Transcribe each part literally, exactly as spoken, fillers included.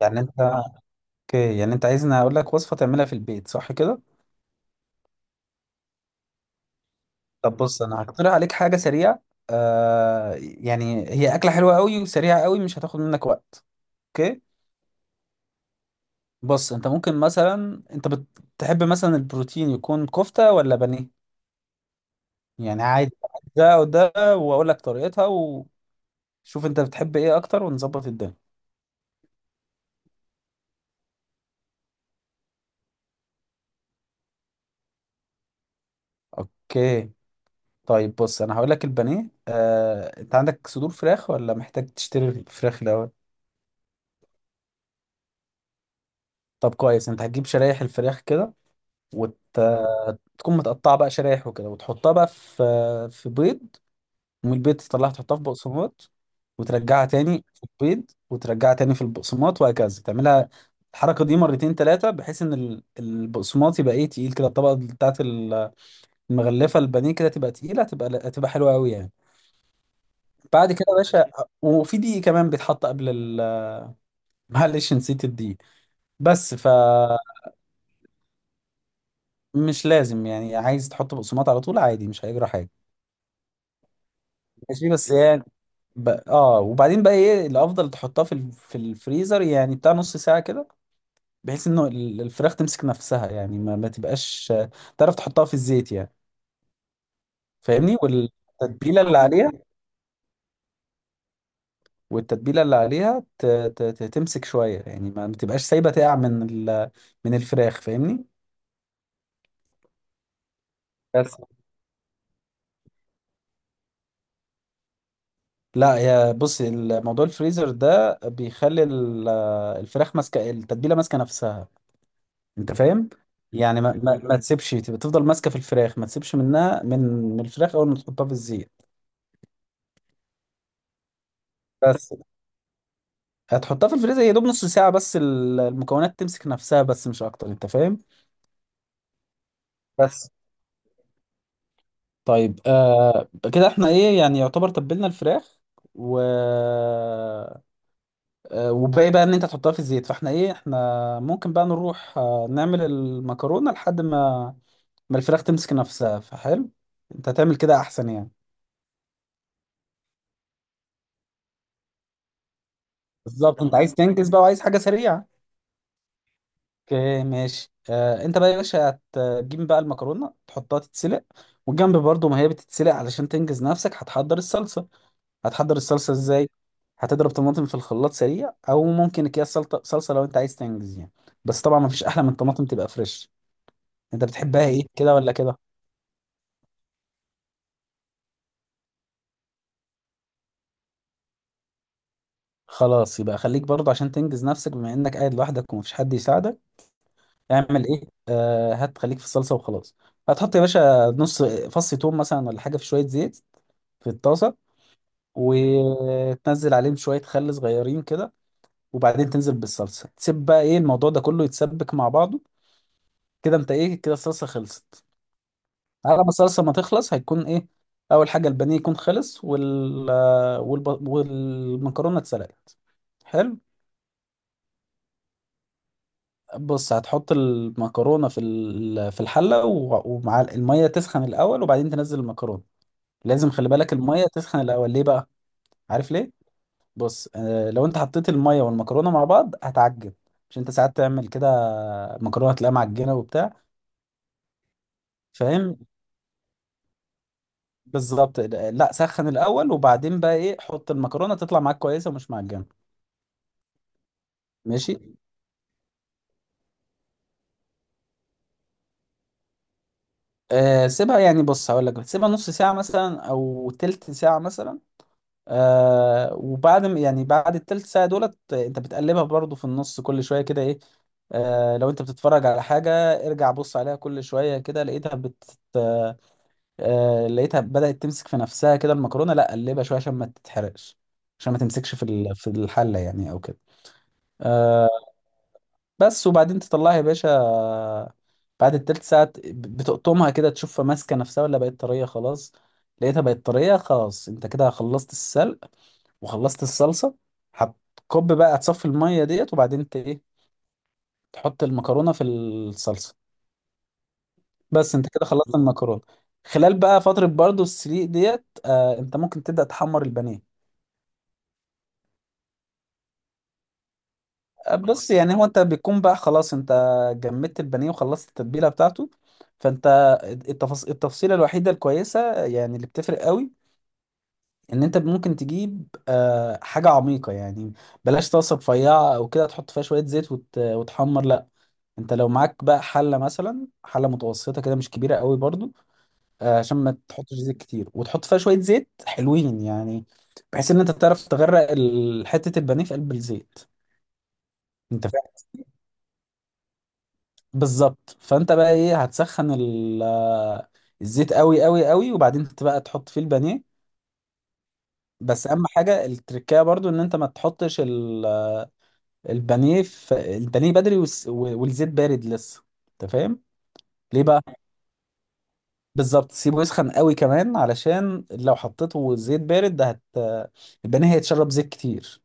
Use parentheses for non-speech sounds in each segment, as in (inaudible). يعني انت اوكي، يعني انت عايزني اقول لك وصفة تعملها في البيت، صح كده؟ طب بص انا هقترح عليك حاجة سريعة. آه يعني هي اكلة حلوة قوي وسريعة قوي، مش هتاخد منك وقت. اوكي. بص انت ممكن مثلا، انت بتحب مثلا البروتين يكون كفتة ولا بانيه؟ يعني عادي، ده وده، واقول لك طريقتها وشوف انت بتحب ايه اكتر ونظبط الدنيا. اوكي. طيب بص انا هقول لك البانيه. آه انت عندك صدور فراخ ولا محتاج تشتري فراخ الاول؟ طب كويس، انت هتجيب شرايح الفراخ كده، وتكون متقطعه بقى شرايح وكده، وتحطها بقى في في بيض، ومن البيض تطلعها تحطها في بقسماط، وترجعها تاني في البيض، وترجعها تاني في البقسماط، وهكذا تعملها الحركه دي مرتين ثلاثه، بحيث ان ال- البقسماط يبقى ايه، تقيل كده، الطبقه بتاعت ال- المغلفه البانيه كده تبقى تقيله، تبقى هتبقى حلوه قوي يعني. بعد كده يا باشا، وفي دقيق كمان بيتحط قبل ال (laughs) معلش، نسيت الدقيق. بس ف مش لازم يعني، عايز تحط بقسماط على طول عادي، مش هيجرى حاجه. ماشي بس يعني، ب... اه وبعدين بقى ايه، الافضل تحطها في ال... في الفريزر يعني بتاع نص ساعه كده، بحيث انه ال- الفراخ تمسك نفسها يعني، ما, ما تبقاش، تعرف تحطها في الزيت يعني، فاهمني؟ والتتبيله اللي عليها، والتتبيله اللي عليها ت... ت... ت- تمسك شويه يعني، ما, ما تبقاش سايبه تقع من ال... من الفراخ، فاهمني؟ بس لا يا بص، الموضوع الفريزر ده بيخلي ال- الفراخ ماسكه التتبيله، ماسكه نفسها، انت فاهم؟ يعني ما, ما, ما تسيبش، تبقى تفضل ماسكه في الفراخ، ما تسيبش منها من من الفراخ اول ما تحطها في الزيت. بس. هتحطها في الفريزر يا دوب نص ساعه، بس ال- المكونات تمسك نفسها بس، مش اكتر، انت فاهم؟ بس. طيب آه كده احنا ايه يعني، يعتبر تبلنا الفراخ و آه وباقي بقى ان انت تحطها في الزيت، فاحنا ايه، احنا ممكن بقى نروح آه نعمل المكرونه لحد ما ما الفراخ تمسك نفسها، فحلو، انت هتعمل كده احسن يعني. بالظبط، انت عايز تنجز بقى وعايز حاجه سريعه. اوكي ماشي. آه انت بقى يا باشا هتجيب بقى المكرونه تحطها تتسلق، والجنب برضو ما هي بتتسلق علشان تنجز نفسك هتحضر الصلصه. هتحضر الصلصه ازاي؟ هتضرب طماطم في الخلاط سريع، او ممكن اكياس سلطه صلصه لو انت عايز تنجز يعني. بس طبعا ما فيش احلى من الطماطم تبقى فريش. انت بتحبها ايه، كده ولا كده؟ خلاص يبقى خليك برضو، عشان تنجز نفسك بما انك قاعد لوحدك ومفيش حد يساعدك. اعمل ايه، آه هات خليك في الصلصه وخلاص. هتحط يا باشا نص فص توم مثلا ولا حاجه في شويه زيت في الطاسه، وتنزل عليهم شوية خل صغيرين كده، وبعدين تنزل بالصلصة، تسيب بقى ايه الموضوع ده كله يتسبك مع بعضه، كده انت ايه، كده الصلصة خلصت. على ما الصلصة ما تخلص هيكون ايه؟ أول حاجة البانيه يكون خلص، وال والب... والمكرونة اتسلقت، حلو. بص هتحط المكرونة في ال... في الحلة، و... ومع المية تسخن الأول، وبعدين تنزل المكرونة. لازم خلي بالك المية تسخن الأول، ليه بقى؟ عارف ليه؟ بص آه، لو انت حطيت المية والمكرونة مع بعض هتعجن، مش انت ساعات تعمل كده، مكرونة تلاقيها معجنة وبتاع، فاهم؟ بالظبط، لا سخن الأول، وبعدين بقى ايه حط المكرونة، تطلع معاك كويسة ومش معجنة. ماشي، آه سيبها يعني، بص هقول لك سيبها نص ساعة مثلا أو تلت ساعة مثلا. آه وبعد ما- يعني بعد التلت ساعة دولت، آه، انت بتقلبها برضو في النص كل شوية كده، ايه آه لو انت بتتفرج على حاجة ارجع بص عليها كل شوية كده، لقيتها بت آه لقيتها بدأت تمسك في نفسها كده المكرونة، لا قلبها شوية عشان ما تتحرقش، عشان ما تمسكش في ال- في الحلة يعني او كده. آه بس، وبعدين تطلعها يا باشا، آه، بعد التلت ساعة ب- بتقطمها كده، تشوفها ماسكة نفسها ولا بقت طرية خلاص. لقيتها بقت طرية خلاص، انت كده خلصت السلق وخلصت الصلصة. هتكب بقى، هتصفي المية ديت، وبعدين انت ايه، تحط المكرونة في الصلصة، بس، انت كده خلصت المكرونة. خلال بقى فترة برضو السليق ديت، آه انت ممكن تبدأ تحمر البانيه. بص يعني هو انت بيكون بقى خلاص، انت جمدت البانيه وخلصت التتبيله بتاعته، فانت التفاص... التفصيله الوحيده الكويسه يعني اللي بتفرق قوي، ان انت ممكن تجيب آه، حاجه عميقه يعني، بلاش طاسه رفيعه او كده تحط فيها شويه زيت وت... وتحمر، لا. انت لو معاك بقى حله مثلا، حله متوسطه كده مش كبيره قوي برضو، آه، عشان ما تحطش زيت كتير، وتحط فيها شويه زيت حلوين يعني، بحيث ان انت تعرف تغرق ال- حته البانيه في قلب الزيت، انت فاهم؟ بالظبط، فانت بقى ايه، هتسخن ال- الزيت قوي قوي قوي، وبعدين انت بقى تحط فيه البانيه. بس اهم حاجه التركية برضو، ان انت ما تحطش ال- البانيه في البانيه بدري والس- والزيت بارد لسه، انت فاهم؟ ليه بقى؟ بالظبط، سيبه يسخن قوي كمان، علشان لو حطيته زيت بارد ده هت البانيه هيتشرب زيت كتير،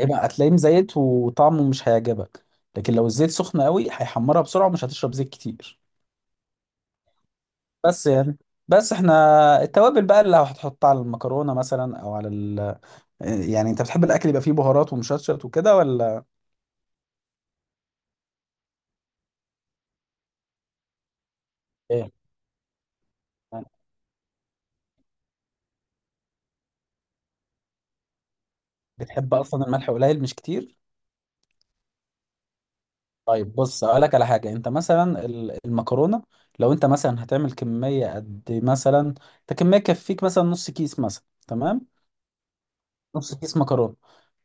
يبقى هتلاقيه مزيت وطعمه مش هيعجبك. لكن لو الزيت سخن قوي هيحمرها بسرعه ومش هتشرب زيت كتير. بس يعني، بس احنا التوابل بقى اللي هتحطها على المكرونه مثلا او على ال... يعني انت بتحب الاكل يبقى فيه بهارات ومشطشط وكده ولا ايه؟ بتحب اصلا الملح قليل مش كتير؟ طيب بص اقول لك على حاجه، انت مثلا ال- المكرونه، لو انت مثلا هتعمل كميه قد مثلا، انت كميه تكفيك مثلا نص كيس مثلا، تمام، نص كيس مكرونه،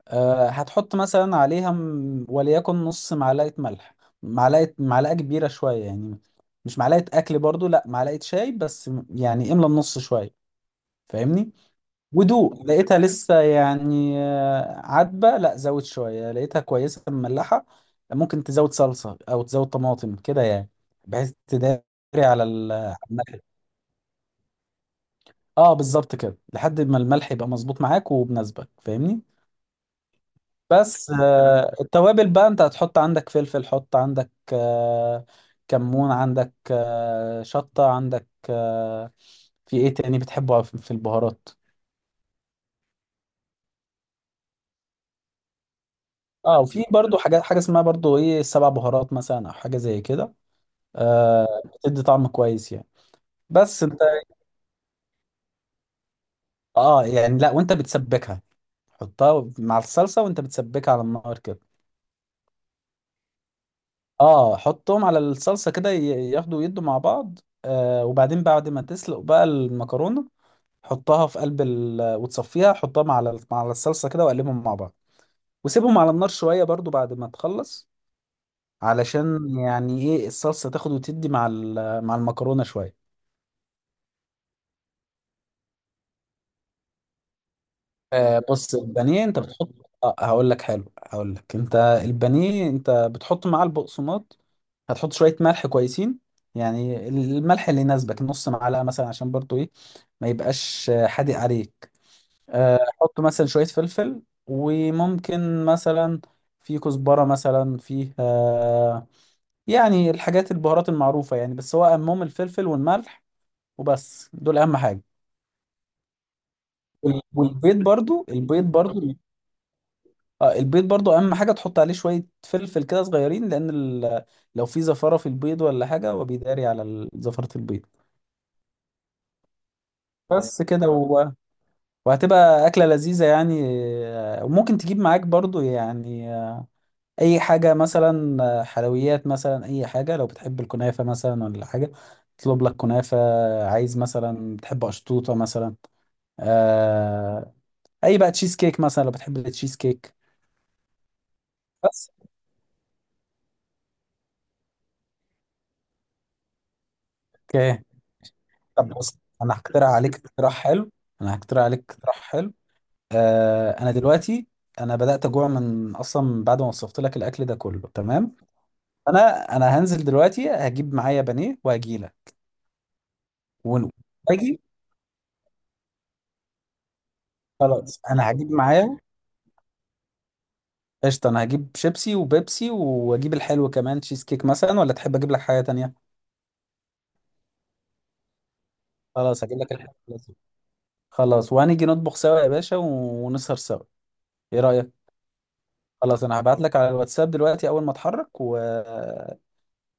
آه، هتحط مثلا عليها م- وليكن نص معلقة ملح، معلقة معلقة كبيرة شوية يعني، مش معلقة أكل برضو، لا معلقة شاي بس، م- يعني املى النص شوية، فاهمني؟ ودوق، لقيتها لسه يعني آه، عدبة، لا زود شوية، لقيتها كويسة مملحة، ممكن تزود صلصة أو تزود طماطم كده يعني، بحيث تداري على ال- على الملح. اه بالظبط كده، لحد ما الملح يبقى مظبوط معاك وبناسبك، فاهمني. بس آه، التوابل بقى، انت هتحط عندك فلفل، حط عندك آه، كمون، عندك آه، شطة، عندك آه، في ايه تاني بتحبه في في البهارات؟ اه، وفي برضو حاجات حاجة اسمها برضو ايه السبع بهارات مثلا، او حاجة زي كده، آه، بتدي طعم كويس يعني. بس انت اه يعني لا، وانت بتسبكها حطها مع الصلصة، وانت بتسبكها على النار كده. اه حطهم على الصلصة كده، ي- ياخدوا يدوا مع بعض، آه وبعدين بعد ما تسلق بقى المكرونة، حطها في قلب ال... وتصفيها، حطها على ال- مع الصلصه كده وقلبهم مع بعض، وسيبهم على النار شويه برضو بعد ما تخلص، علشان يعني ايه، الصلصه تاخد وتدي مع ال... مع المكرونه شويه. آه بص البانيه انت بتحط آه هقول لك حلو، هقول لك انت البانيه انت بتحط معاه البقسماط، هتحط شويه ملح كويسين يعني، الملح اللي يناسبك نص معلقه مثلا، عشان برضو ايه ما يبقاش آه، حادق عليك، آه، احط مثلا شويه فلفل، وممكن مثلا في كزبره مثلا، فيه آه، يعني الحاجات البهارات المعروفه يعني، بس هو اهمهم الفلفل والملح، وبس دول اهم حاجه. وال- والبيض برضو، البيض برضو اه البيض برضو اهم حاجه، تحط عليه شويه فلفل كده صغيرين، لان ال- لو في زفاره في البيض ولا حاجه، هو بيداري على ال- زفره البيض. بس كده، و... وهتبقى اكله لذيذه يعني، آه، وممكن تجيب معاك برضو يعني اي حاجه مثلا، آه، حلويات مثلا، اي حاجه، لو بتحب الكنافه مثلا ولا حاجه اطلب لك كنافه، عايز مثلا بتحب اشطوطه مثلا، آه اي بقى تشيز كيك مثلا لو بتحب التشيز كيك. بس. اوكي. طب بص انا هقترح عليك اقتراح حلو، انا هقترح عليك اقتراح حلو آه انا دلوقتي، انا بدات اجوع من اصلا بعد ما وصفت لك الاكل ده كله، تمام. انا انا هنزل دلوقتي، هجيب معايا بانيه وهجيلك ون- واجي. خلاص انا هجيب معايا. قشطة، أنا هجيب شيبسي وبيبسي، وأجيب الحلو كمان تشيز كيك مثلا، ولا تحب أجيب لك حاجة تانية؟ خلاص هجيب لك الحلو لازم. خلاص، وهنيجي نطبخ سوا يا باشا و- ونسهر سوا، إيه رأيك؟ خلاص، أنا هبعت لك على الواتساب دلوقتي أول ما أتحرك و...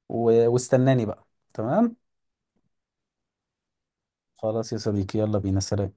و... واستناني بقى، تمام؟ خلاص يا صديقي، يلا بينا، سلام.